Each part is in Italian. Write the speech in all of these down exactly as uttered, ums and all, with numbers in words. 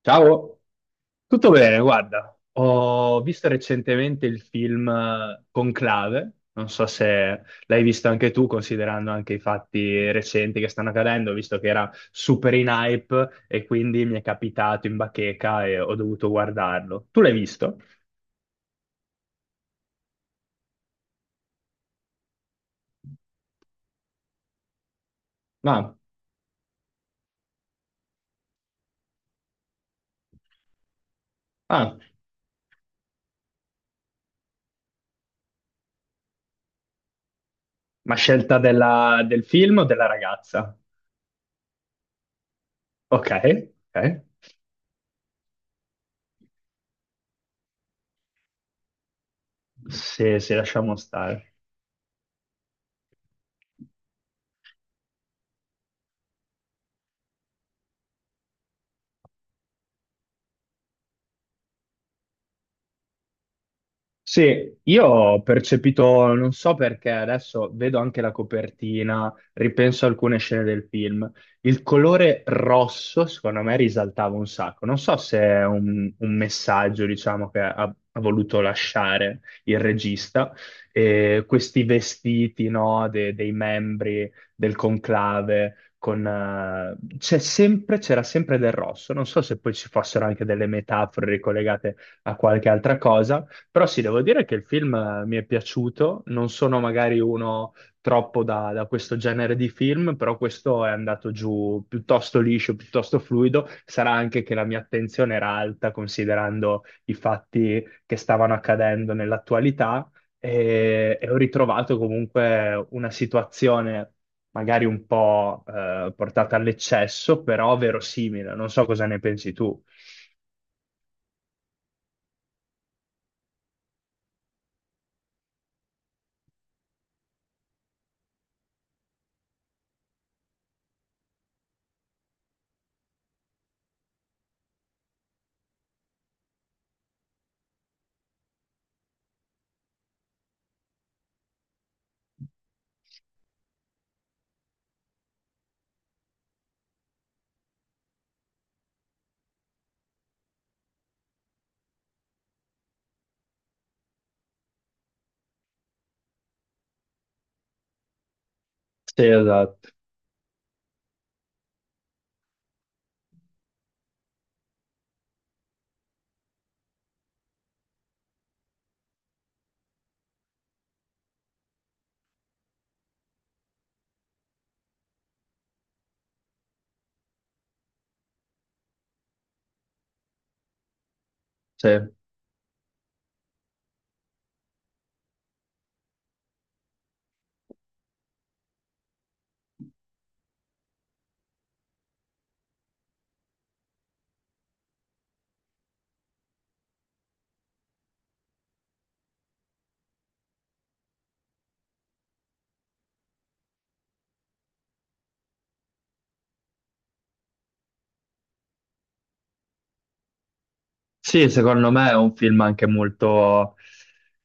Ciao, tutto bene, guarda, ho visto recentemente il film eh, Conclave, non so se l'hai visto anche tu, considerando anche i fatti recenti che stanno accadendo, visto che era super in hype e quindi mi è capitato in bacheca e ho dovuto guardarlo. Tu l'hai visto? No. Ah, ma scelta della- del film o della ragazza? Ok, ok, se se lasciamo stare. Sì, io ho percepito, non so perché, adesso vedo anche la copertina, ripenso a alcune scene del film. Il colore rosso, secondo me, risaltava un sacco. Non so se è un, un messaggio, diciamo, che ha, ha voluto lasciare il regista. E questi vestiti, no, de- dei membri del conclave, con, eh, c'è sempre, c'era sempre del rosso. Non so se poi ci fossero anche delle metafore ricollegate a qualche altra cosa. Però sì, devo dire che il film eh, mi è piaciuto, non sono magari uno troppo da, da questo genere di film, però questo è andato giù piuttosto liscio, piuttosto fluido. Sarà anche che la mia attenzione era alta considerando i fatti che stavano accadendo nell'attualità e, e ho ritrovato comunque una situazione magari un po' eh, portata all'eccesso, però verosimile. Non so cosa ne pensi tu. Sì, esatto. Sì. Sì, secondo me è un film anche molto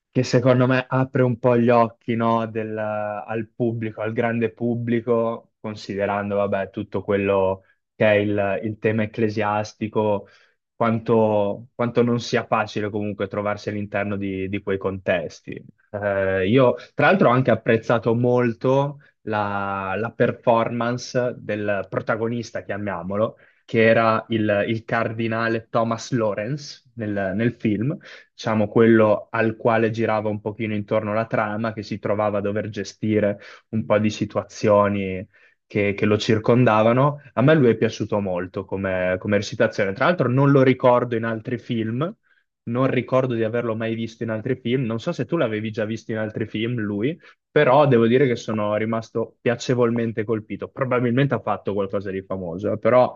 che secondo me apre un po' gli occhi, no, del- al pubblico, al grande pubblico, considerando, vabbè, tutto quello che è il, il tema ecclesiastico, quanto, quanto non sia facile comunque trovarsi all'interno di, di quei contesti. Eh, io, tra l'altro, ho anche apprezzato molto la la performance del protagonista, chiamiamolo che era il, il cardinale Thomas Lawrence nel, nel film, diciamo quello al quale girava un pochino intorno la trama, che si trovava a dover gestire un po' di situazioni che, che lo circondavano. A me lui è piaciuto molto come, come recitazione. Tra l'altro non lo ricordo in altri film, non ricordo di averlo mai visto in altri film. Non so se tu l'avevi già visto in altri film, lui, però devo dire che sono rimasto piacevolmente colpito. Probabilmente ha fatto qualcosa di famoso, eh, però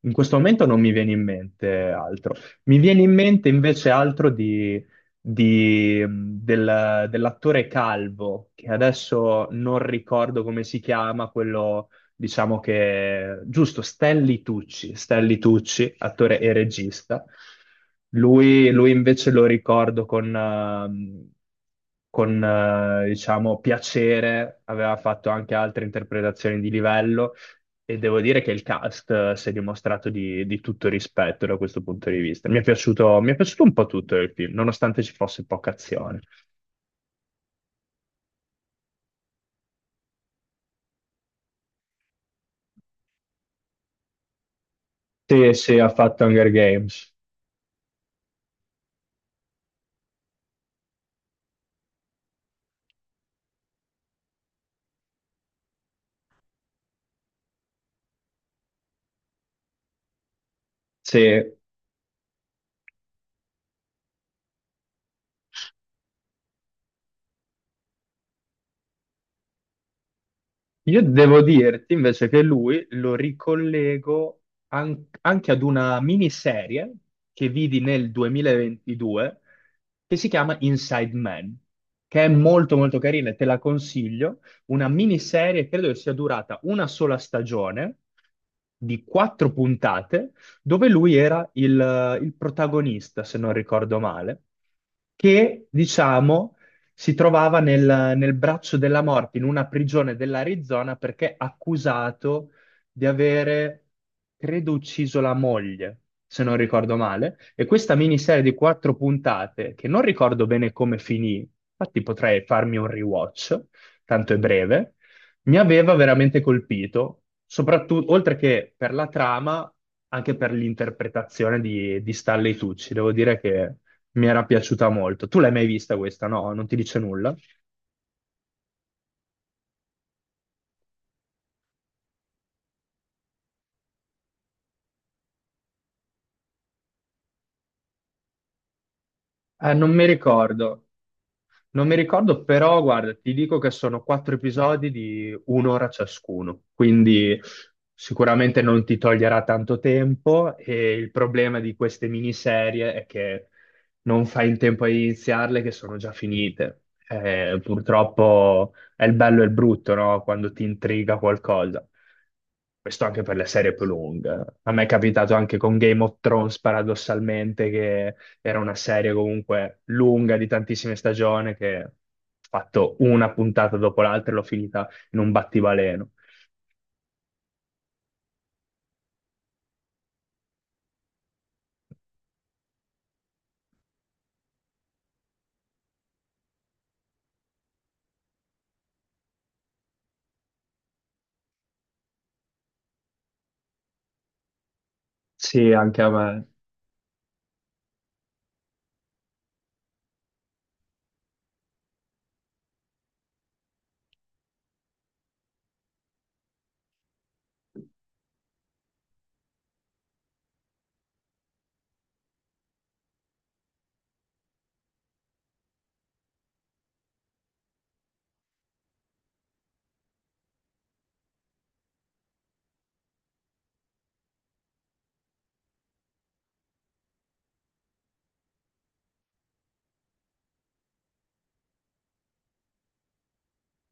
in questo momento non mi viene in mente altro. Mi viene in mente invece altro di, di- del- dell'attore Calvo, che adesso non ricordo come si chiama, quello diciamo che... Giusto, Stanley Tucci, Stanley Tucci, attore e regista. Lui, lui invece lo ricordo con, ehm, con eh, diciamo, piacere, aveva fatto anche altre interpretazioni di livello e devo dire che il cast eh, si è dimostrato di, di tutto rispetto da questo punto di vista. Mi è piaciuto, mi è piaciuto un po' tutto il film, nonostante ci fosse poca azione. Sì, sì, ha fatto Hunger Games. Sì, io devo dirti invece che lui lo ricollego an- anche ad una miniserie che vidi nel duemilaventidue, che si chiama Inside Man, che è molto molto carina e te la consiglio. Una miniserie, credo che sia durata una sola stagione di quattro puntate, dove lui era il, il protagonista, se non ricordo male, che diciamo si trovava nel, nel braccio della morte, in una prigione dell'Arizona, perché accusato di avere, credo, ucciso la moglie, se non ricordo male. E questa miniserie di quattro puntate, che non ricordo bene come finì, infatti potrei farmi un rewatch, tanto è breve, mi aveva veramente colpito, soprattutto, oltre che per la trama, anche per l'interpretazione di, di Stanley Tucci. Devo dire che mi era piaciuta molto. Tu l'hai mai vista questa? No, non ti dice nulla? Eh, non mi ricordo. Non mi ricordo, però guarda, ti dico che sono quattro episodi di un'ora ciascuno, quindi sicuramente non ti toglierà tanto tempo e il problema di queste miniserie è che non fai in tempo a iniziarle, che sono già finite. Eh, purtroppo è il bello e il brutto, no? Quando ti intriga qualcosa. Questo anche per le serie più lunghe. A me è capitato anche con Game of Thrones, paradossalmente, che era una serie comunque lunga di tantissime stagioni che ho fatto una puntata dopo l'altra e l'ho finita in un battibaleno. Sì, anche a me.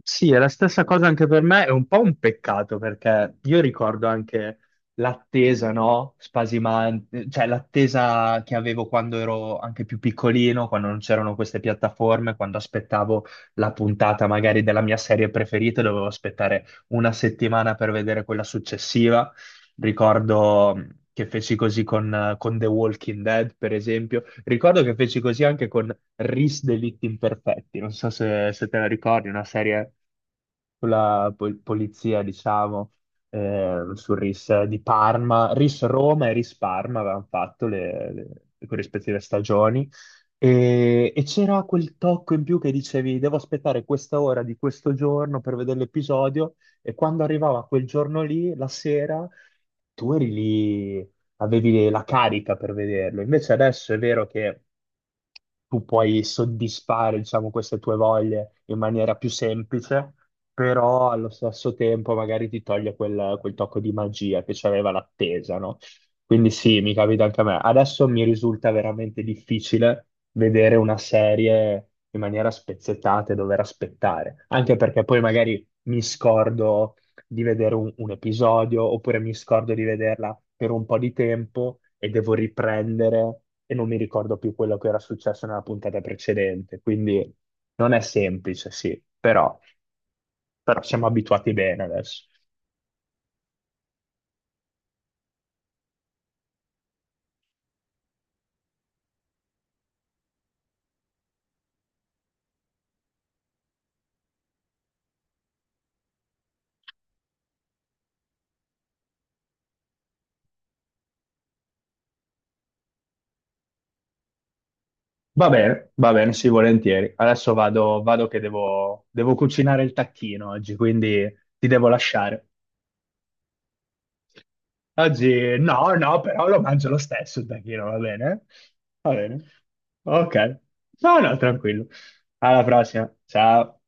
Sì, è la stessa cosa anche per me, è un po' un peccato perché io ricordo anche l'attesa, no? Spasimante, cioè l'attesa che avevo quando ero anche più piccolino, quando non c'erano queste piattaforme, quando aspettavo la puntata magari della mia serie preferita, dovevo aspettare una settimana per vedere quella successiva. Ricordo che feci così con, eh, con The Walking Dead, per esempio. Ricordo che feci così anche con Ris Delitti Imperfetti. Non so se, se te la ricordi, una serie sulla pol- polizia, diciamo, eh, su Ris di Parma. Ris Roma e Ris Parma avevano fatto le, le- le corrispettive stagioni. E, e c'era quel tocco in più che dicevi, devo aspettare questa ora di questo giorno per vedere l'episodio, e quando arrivava quel giorno lì, la sera, tu eri lì, avevi la carica per vederlo. Invece adesso è vero che tu puoi soddisfare, diciamo, queste tue voglie in maniera più semplice, però allo stesso tempo magari ti toglie quel, quel tocco di magia che c'aveva l'attesa, no? Quindi sì, mi capita anche a me. Adesso mi risulta veramente difficile vedere una serie in maniera spezzettata e dover aspettare, anche perché poi magari mi scordo di vedere un, un episodio, oppure mi scordo di vederla per un po' di tempo e devo riprendere e non mi ricordo più quello che era successo nella puntata precedente. Quindi non è semplice, sì, però, però siamo abituati bene adesso. Va bene, va bene, sì, volentieri. Adesso vado, vado che devo, devo cucinare il tacchino oggi, quindi ti devo lasciare. Oggi no, no, però lo mangio lo stesso il tacchino, va bene? Va bene. Ok. No, no, tranquillo. Alla prossima. Ciao.